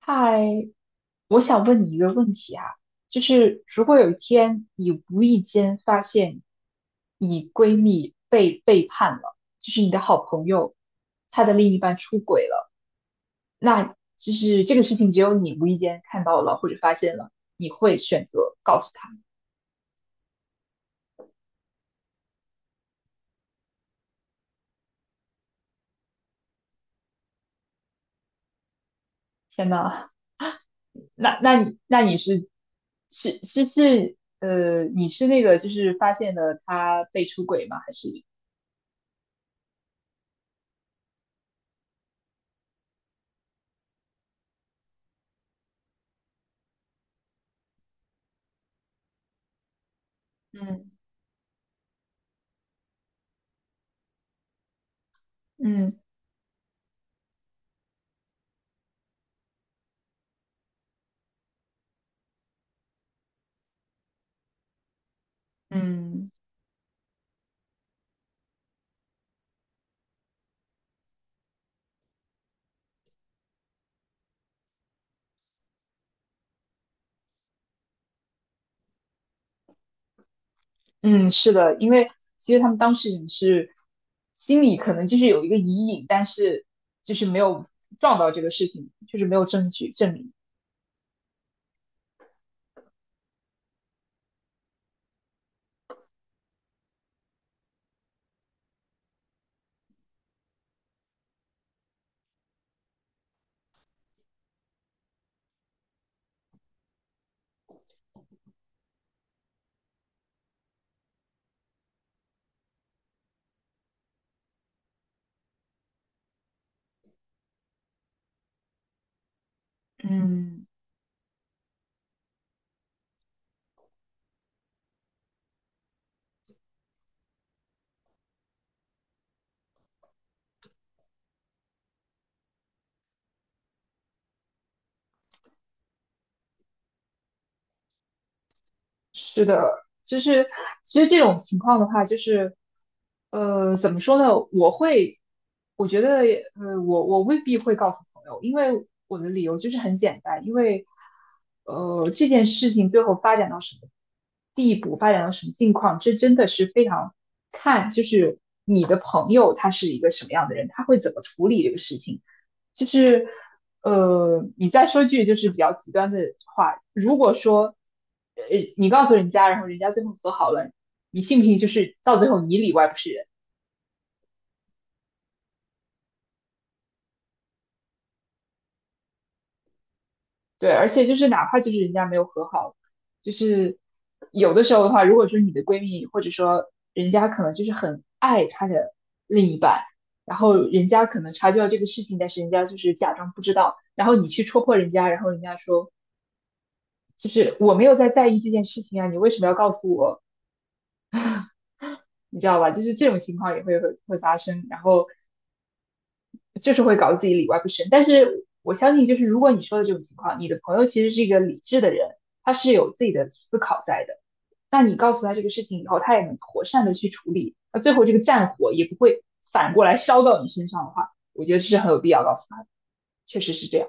嗨，我想问你一个问题啊，就是如果有一天你无意间发现你闺蜜被背叛了，就是你的好朋友，她的另一半出轨了，那就是这个事情只有你无意间看到了或者发现了，你会选择告诉她。天呐，那那你那你是是是是呃，你是那个就是发现了她被出轨吗？还是嗯嗯嗯，嗯，是的，因为其实他们当时人是心里可能就是有一个疑影，但是就是没有撞到这个事情，就是没有证据证明。嗯。就是其实这种情况的话，就是怎么说呢？我觉得我未必会告诉朋友，因为我的理由就是很简单，因为这件事情最后发展到什么地步，发展到什么境况，这真的是非常看，就是你的朋友他是一个什么样的人，他会怎么处理这个事情。就是，你再说句就是比较极端的话，如果说，呃，你告诉人家，然后人家最后和好了，你信不信就是到最后你里外不是人？对，而且就是哪怕就是人家没有和好，就是有的时候的话，如果说你的闺蜜或者说人家可能就是很爱她的另一半，然后人家可能察觉到这个事情，但是人家就是假装不知道，然后你去戳破人家，然后人家说。就是我没有在意这件事情啊，你为什么要告诉我？你知道吧？就是这种情况也会发生，然后就是会搞得自己里外不是人。但是我相信，就是如果你说的这种情况，你的朋友其实是一个理智的人，他是有自己的思考在的。那你告诉他这个事情以后，他也能妥善的去处理，那最后这个战火也不会反过来烧到你身上的话，我觉得这是很有必要告诉他的，确实是这样。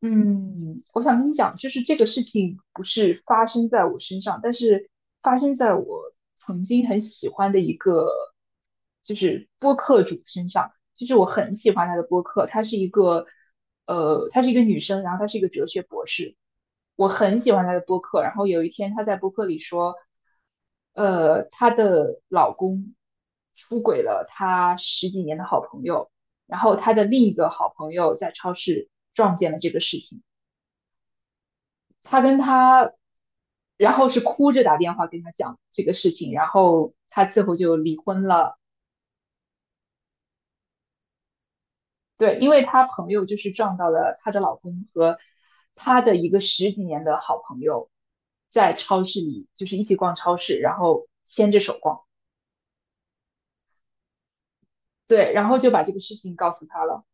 嗯，我想跟你讲，就是这个事情不是发生在我身上，但是发生在我曾经很喜欢的一个，就是播客主身上。就是我很喜欢他的播客，她是一个女生，然后她是一个哲学博士，我很喜欢她的播客。然后有一天她在播客里说，她的老公出轨了她十几年的好朋友。然后他的另一个好朋友在超市撞见了这个事情，他跟他，然后是哭着打电话跟他讲这个事情，然后他最后就离婚了。对，因为他朋友就是撞到了她的老公和她的一个十几年的好朋友，在超市里就是一起逛超市，然后牵着手逛。对，然后就把这个事情告诉他了。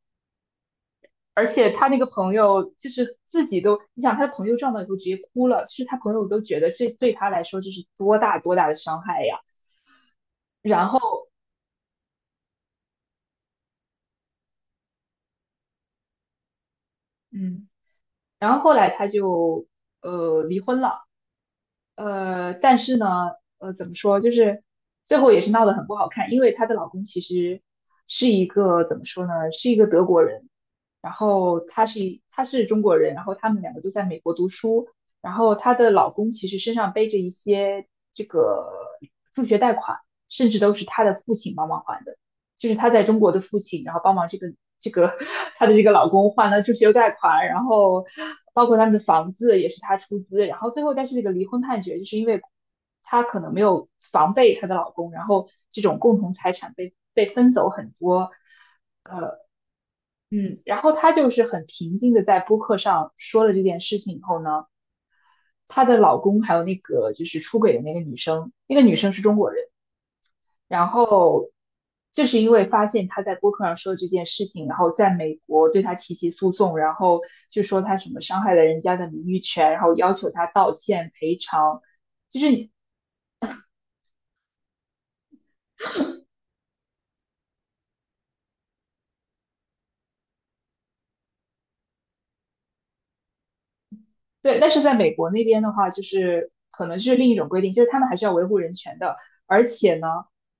而且他那个朋友就是自己都，你想他的朋友撞到以后直接哭了，其实他朋友都觉得这对他来说就是多大多大的伤害呀。然后，嗯，然后后来他就离婚了。但是呢，怎么说，就是最后也是闹得很不好看，因为她的老公其实是一个怎么说呢，是一个德国人，然后她是中国人，然后他们两个就在美国读书，然后她的老公其实身上背着一些这个助学贷款，甚至都是她的父亲帮忙还的。就是她在中国的父亲，然后帮忙这个这个她的这个老公还了助学贷款，然后包括他们的房子也是她出资，然后最后但是这个离婚判决就是因为她可能没有防备她的老公，然后这种共同财产被分走很多，嗯，然后她就是很平静的在播客上说了这件事情以后呢，她的老公还有那个就是出轨的那个女生，那个女生是中国人。然后就是因为发现他在播客上说的这件事情，然后在美国对他提起诉讼，然后就说他什么伤害了人家的名誉权，然后要求他道歉赔偿，就是对，但是在美国那边的话，就是可能是另一种规定，就是他们还是要维护人权的。而且呢，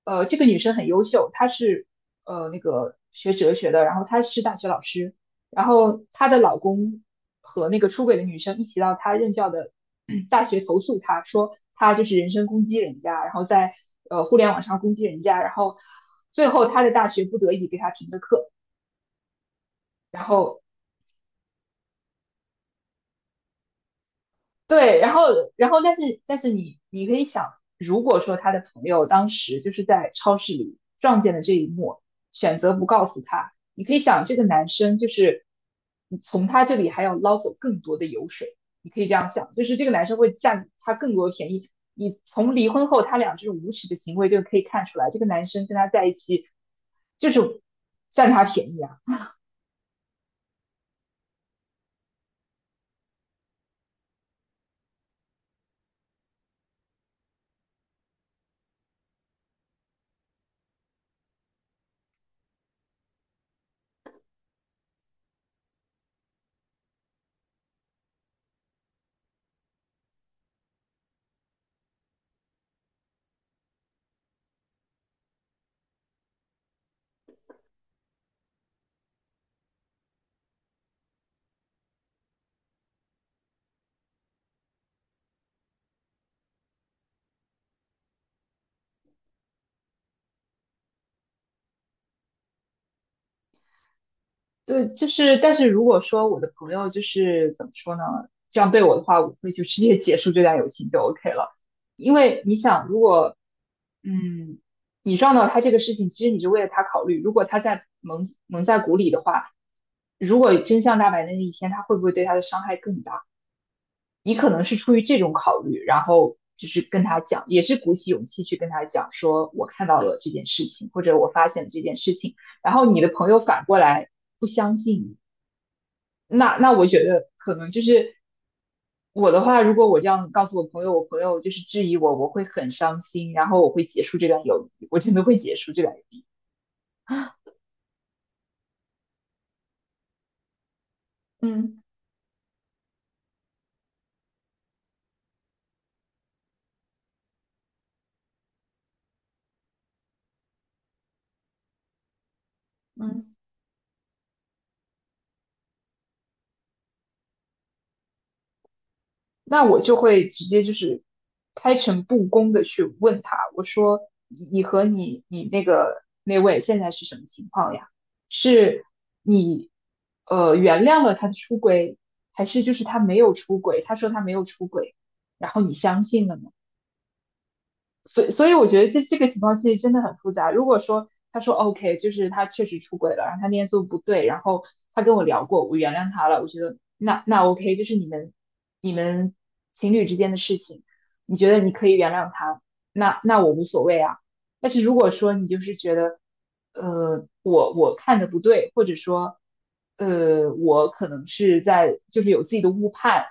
这个女生很优秀，她是那个学哲学的，然后她是大学老师，然后她的老公和那个出轨的女生一起到她任教的大学投诉她，说她就是人身攻击人家，然后在互联网上攻击人家，然后最后她的大学不得已给她停的课，然后对，然后但是你可以想，如果说他的朋友当时就是在超市里撞见了这一幕，选择不告诉他，你可以想这个男生就是你从他这里还要捞走更多的油水，你可以这样想，就是这个男生会占他更多的便宜。你从离婚后他俩这种无耻的行为就可以看出来，这个男生跟他在一起就是占他便宜啊。对，就是，但是如果说我的朋友就是怎么说呢，这样对我的话，我会就直接结束这段友情就 OK 了。因为你想，如果嗯，你撞到他这个事情，其实你是为了他考虑。如果他在蒙在鼓里的话，如果真相大白的那一天，他会不会对他的伤害更大？你可能是出于这种考虑，然后就是跟他讲，也是鼓起勇气去跟他讲，说我看到了这件事情，或者我发现了这件事情。然后你的朋友反过来不相信你，那我觉得可能就是我的话，如果我这样告诉我朋友，我朋友就是质疑我，我会很伤心，然后我会结束这段友谊，我真的会结束这段友谊。嗯嗯那我就会直接就是开诚布公的去问他，我说你和你那个那位现在是什么情况呀？是你原谅了他的出轨，还是就是他没有出轨？他说他没有出轨，然后你相信了吗？所以我觉得这个情况其实真的很复杂。如果说他说 OK，就是他确实出轨了，然后他那天做不对，然后他跟我聊过，我原谅他了，我觉得那 OK，就是你们情侣之间的事情，你觉得你可以原谅他，那我无所谓啊。但是如果说你就是觉得，我看的不对，或者说，我可能是在就是有自己的误判，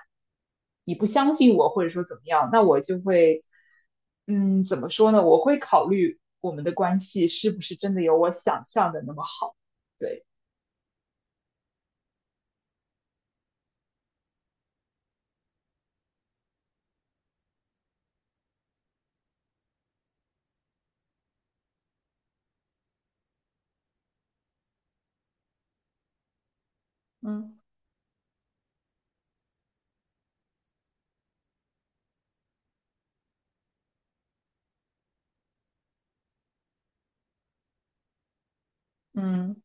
你不相信我，或者说怎么样，那我就会，怎么说呢？我会考虑我们的关系是不是真的有我想象的那么好。对，嗯嗯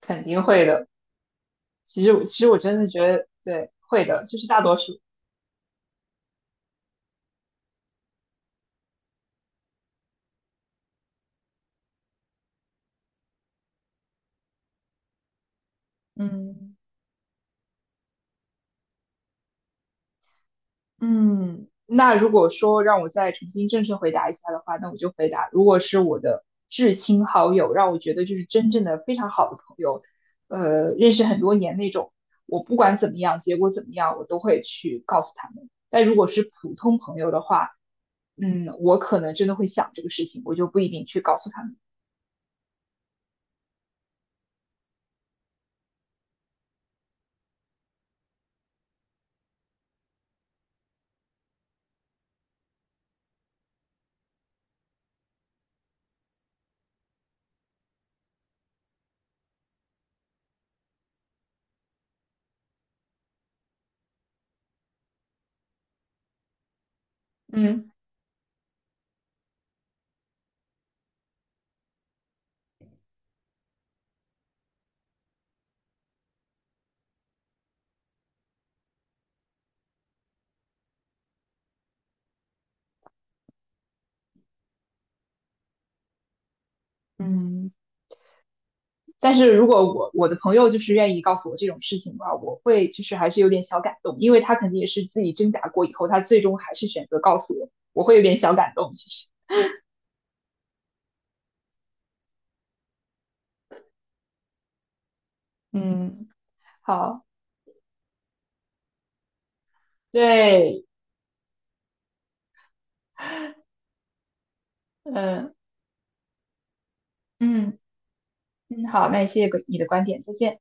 肯定会的。其实我真的觉得，对，会的，就是大多数。嗯。嗯，那如果说让我再重新正式回答一下的话，那我就回答，如果是我的至亲好友，让我觉得就是真正的非常好的朋友，认识很多年那种，我不管怎么样，结果怎么样，我都会去告诉他们。但如果是普通朋友的话，我可能真的会想这个事情，我就不一定去告诉他们。嗯。嗯。但是如果我的朋友就是愿意告诉我这种事情的话，我会就是还是有点小感动，因为他肯定也是自己挣扎过以后，他最终还是选择告诉我，我会有点小感动。其实，嗯，好，对，嗯呃嗯嗯，好，那谢谢你的观点，再见。